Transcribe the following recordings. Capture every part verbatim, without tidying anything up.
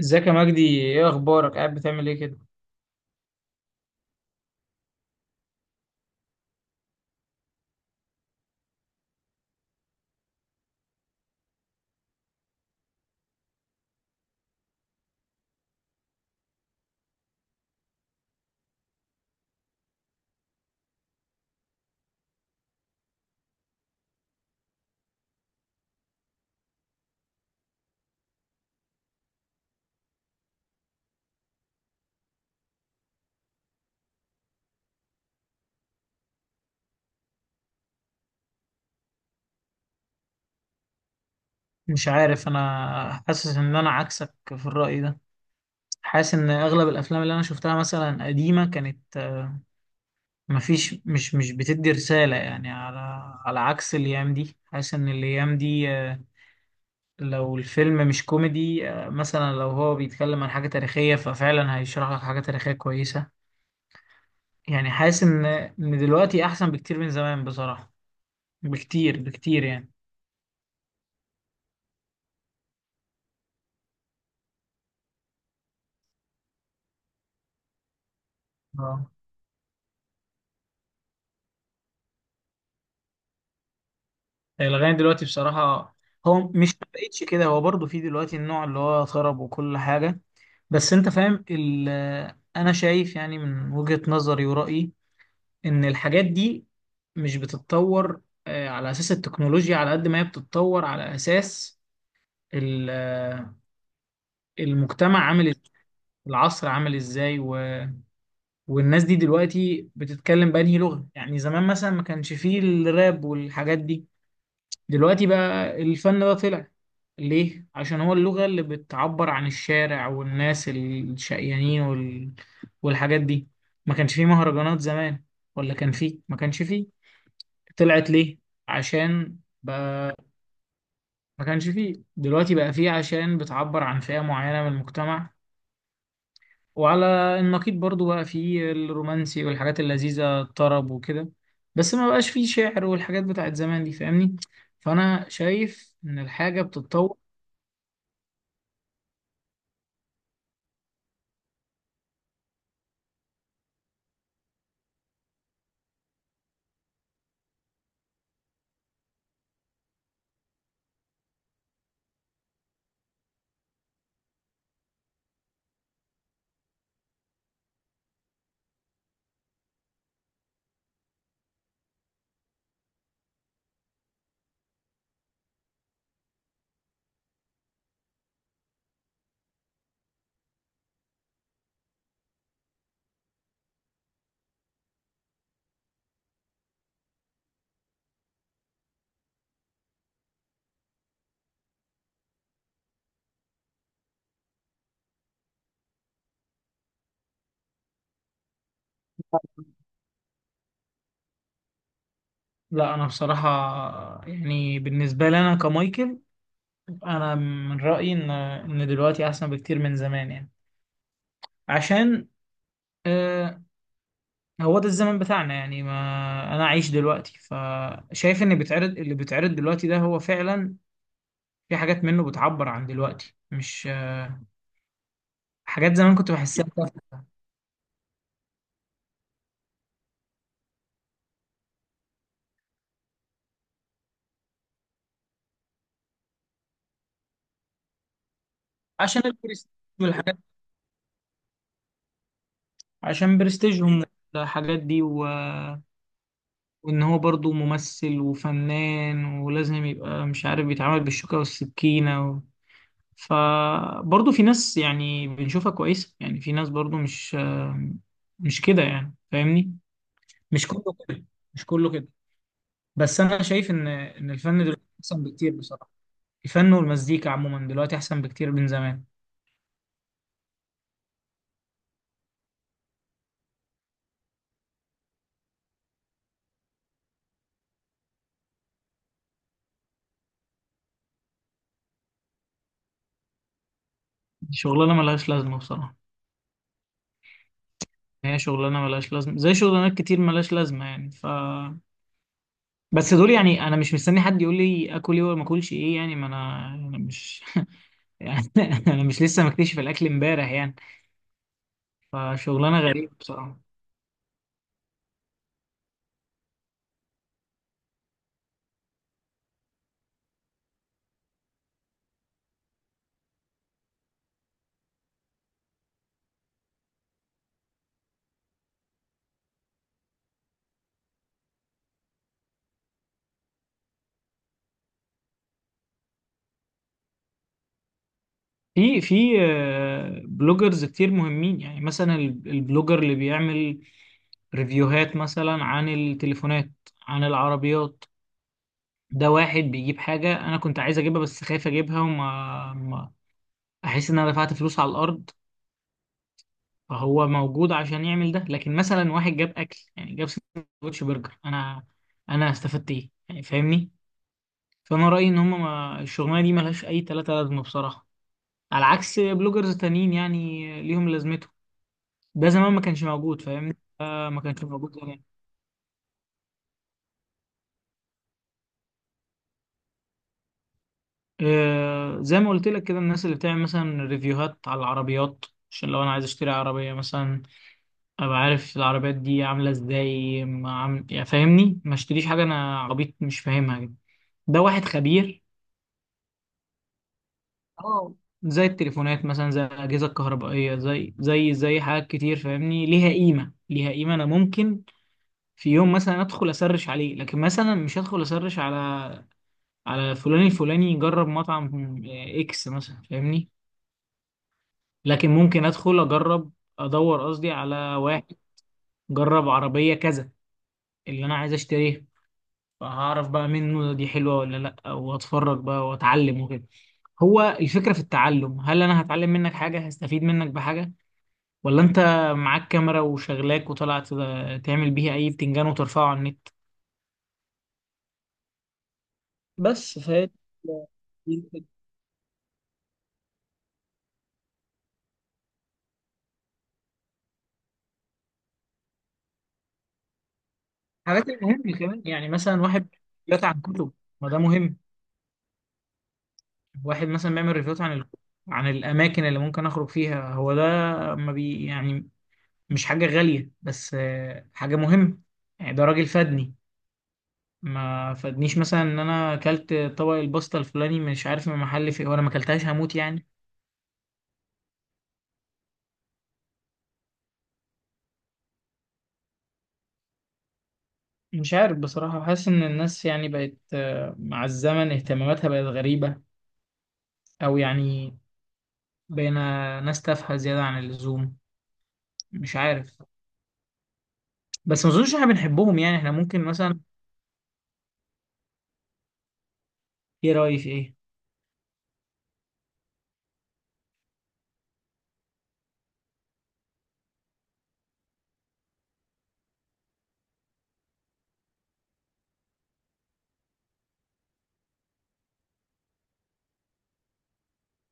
ازيك يا مجدي؟ ايه اخبارك؟ قاعد بتعمل ايه كده؟ مش عارف، انا حاسس ان انا عكسك في الرأي ده. حاسس ان اغلب الافلام اللي انا شفتها مثلا قديمة كانت آه، مفيش، مش مش بتدي رسالة، يعني على على عكس الايام دي. حاسس ان الايام دي آه، لو الفيلم مش كوميدي، آه، مثلا لو هو بيتكلم عن حاجة تاريخية ففعلا هيشرح لك حاجة تاريخية كويسة. يعني حاسس ان ان دلوقتي احسن بكتير من زمان بصراحة. بكتير بكتير يعني. آه. الأغاني دلوقتي بصراحة، هو مش ما بقتش كده، هو برضو في دلوقتي النوع اللي هو طرب وكل حاجة. بس أنت فاهم ال أنا شايف يعني من وجهة نظري ورأيي إن الحاجات دي مش بتتطور آه، على أساس التكنولوجيا، على قد ما هي بتتطور، على أساس ال- آه، المجتمع عامل إز- العصر عامل إزاي و... والناس دي دلوقتي بتتكلم بأنهي لغة. يعني زمان مثلا ما كانش فيه الراب والحاجات دي. دلوقتي بقى الفن ده طلع ليه؟ عشان هو اللغة اللي بتعبر عن الشارع والناس الشقيانين وال... والحاجات دي. ما كانش فيه مهرجانات زمان، ولا كان فيه؟ ما كانش فيه. طلعت ليه؟ عشان بقى، ما كانش فيه، دلوقتي بقى فيه عشان بتعبر عن فئة معينة من المجتمع. وعلى النقيض برضو بقى فيه الرومانسي والحاجات اللذيذة الطرب وكده. بس ما بقاش فيه شعر والحاجات بتاعت زمان دي، فاهمني؟ فأنا شايف إن الحاجة بتتطور. لا، انا بصراحه، يعني بالنسبه لي انا كمايكل، انا من رايي ان ان دلوقتي احسن بكتير من زمان يعني. عشان آه هو ده الزمن بتاعنا يعني. ما انا عايش دلوقتي، فشايف ان بيتعرض اللي بيتعرض دلوقتي ده هو فعلا، في حاجات منه بتعبر عن دلوقتي، مش آه، حاجات زمان كنت بحسها تافهة. عشان البرستيج والحاجات، عشان برستيجهم الحاجات دي و... وان هو برضو ممثل وفنان ولازم يبقى مش عارف بيتعامل بالشوكة والسكينة. فبرضه في ناس يعني بنشوفها كويسة، يعني في ناس برضه مش مش كده يعني فاهمني. مش كله كده، مش كله كده. بس أنا شايف إن إن الفن دلوقتي أحسن بكتير بصراحة. الفن والمزيكا عموما دلوقتي أحسن بكتير من زمان. شغلانة ملهاش لازمة بصراحة. هي شغلانة ملهاش لازمة، زي شغلانات كتير ملهاش لازمة يعني، ف بس دول يعني أنا مش مستني حد يقول لي آكل إيه ولا ما آكلش إيه يعني. ما أنا أنا مش يعني، أنا مش لسه مكتشف الأكل إمبارح يعني. فشغلانة غريبة بصراحة. في في آه، بلوجرز كتير مهمين، يعني مثلا ال- البلوجر اللي بيعمل ريفيوهات مثلا عن التليفونات، عن العربيات. ده واحد بيجيب حاجة أنا كنت عايز أجيبها بس خايف أجيبها، وما ما أحس إن أنا دفعت فلوس على الأرض. فهو موجود عشان يعمل ده. لكن مثلا واحد جاب أكل، يعني جاب سندوتش برجر، أنا أنا استفدت إيه يعني فاهمني؟ فأنا رأيي إن هما، ما الشغلانة دي ملهاش أي تلاتة لازمة بصراحة. على عكس بلوجرز تانيين يعني، ليهم لازمتهم. ده زمان ما كانش موجود، فاهم ده؟ ما كانش موجود زمان. آه، زي ما قلت لك كده، الناس اللي بتعمل مثلا ريفيوهات على العربيات، عشان لو انا عايز اشتري عربية مثلا، ابقى عارف العربيات دي عاملة ازاي. ما عم... يعني فاهمني، ما اشتريش حاجة انا عبيط مش فاهمها كده. ده واحد خبير. اه، زي التليفونات مثلا، زي الأجهزة الكهربائية، زي زي زي حاجات كتير فاهمني، ليها قيمة، ليها قيمة. أنا ممكن في يوم مثلا أدخل أسرش عليه، لكن مثلا مش هدخل أسرش على على فلان الفلاني يجرب مطعم آه، اكس مثلا فاهمني. لكن ممكن ادخل اجرب، ادور قصدي على واحد جرب عربية كذا اللي انا عايز اشتريها، فهعرف بقى منه دي حلوة ولا لا، واتفرج بقى واتعلم وكده. هو الفكرة في التعلم، هل انا هتعلم منك حاجة، هستفيد منك بحاجة، ولا انت معاك كاميرا وشغلاك وطلعت تعمل بيها اي بتنجان وترفعه على النت. بس فهي دي الفكرة. الحاجات المهمة كمان يعني، مثلا واحد بيقرا عن كتب، ما ده مهم. واحد مثلا بيعمل ريفيوات عن ال... عن الاماكن اللي ممكن اخرج فيها، هو ده، ما بي يعني، مش حاجه غاليه بس آه، حاجه مهمه. يعني ده راجل فادني. ما فادنيش مثلا ان انا اكلت طبق الباستا الفلاني مش عارف من محل فيه وانا ما اكلتهاش هموت يعني. مش عارف بصراحه، حاسس ان الناس يعني بقت آه، مع الزمن اهتماماتها بقت غريبه. او يعني بقينا ناس تافهه زياده عن اللزوم، مش عارف. بس ما اظنش احنا بنحبهم يعني. احنا ممكن مثلا، ايه رايك؟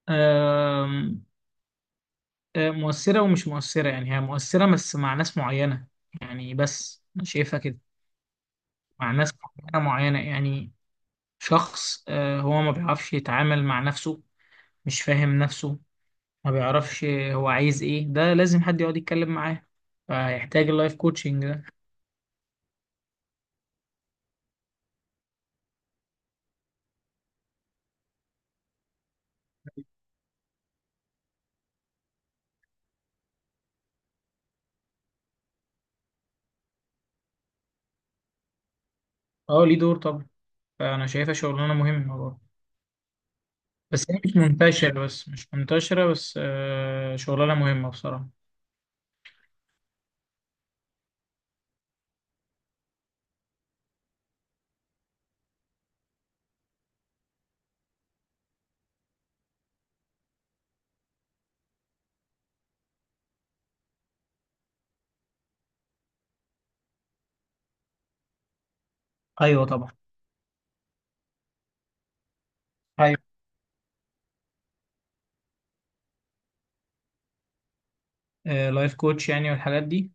ايه، آه، مؤثرة ومش مؤثرة يعني. هي مؤثرة بس مع ناس معينة يعني، بس أنا شايفها كده. مع ناس معينة معينة يعني، شخص آه، هو ما بيعرفش يتعامل مع نفسه، مش فاهم نفسه، ما بيعرفش هو عايز إيه، ده لازم حد يقعد يتكلم معاه، فيحتاج اللايف كوتشنج ده. أه، ليه دور طبعا. فأنا شايفها شغلانة مهمة برضه. بس هي مش منتشرة، بس مش منتشرة، بس آه، شغلانة مهمة بصراحة. أيوه طبعا. أيوه. لايف كوتش يعني والحاجات دي.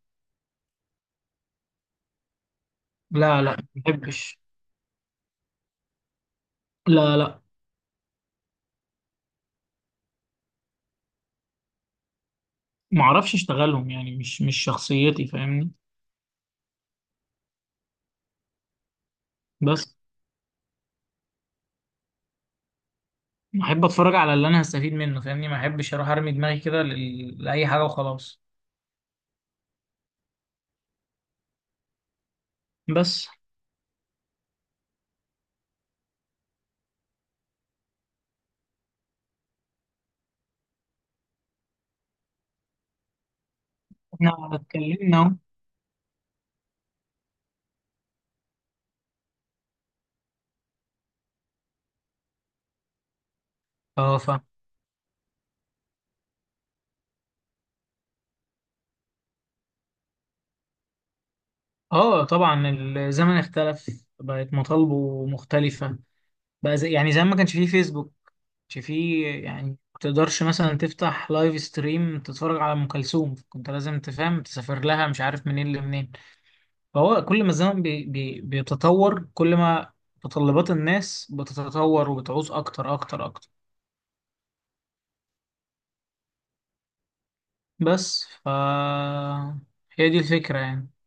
لا لا، ما بحبش. لا لا. ما اعرفش اشتغلهم يعني، مش مش شخصيتي فاهمني. بس احب اتفرج على اللي انا هستفيد منه فاهمني. ما احبش اروح ارمي دماغي كده لل- لاي حاجه وخلاص. بس احنا اتكلمنا اهو. اه ف اه طبعا. الزمن اختلف، بقت مطالبه مختلفه، بقى زي... يعني زي ما كانش فيه فيسبوك، ما كانش فيه يعني. ما تقدرش مثلا تفتح لايف ستريم تتفرج على ام كلثوم، كنت لازم تفهم تسافر لها مش عارف منين لمنين. فهو كل ما الزمن بي بي بيتطور، كل ما متطلبات الناس بتتطور وبتعوز أكتر أكتر أكتر. بس ف هي دي الفكرة يعني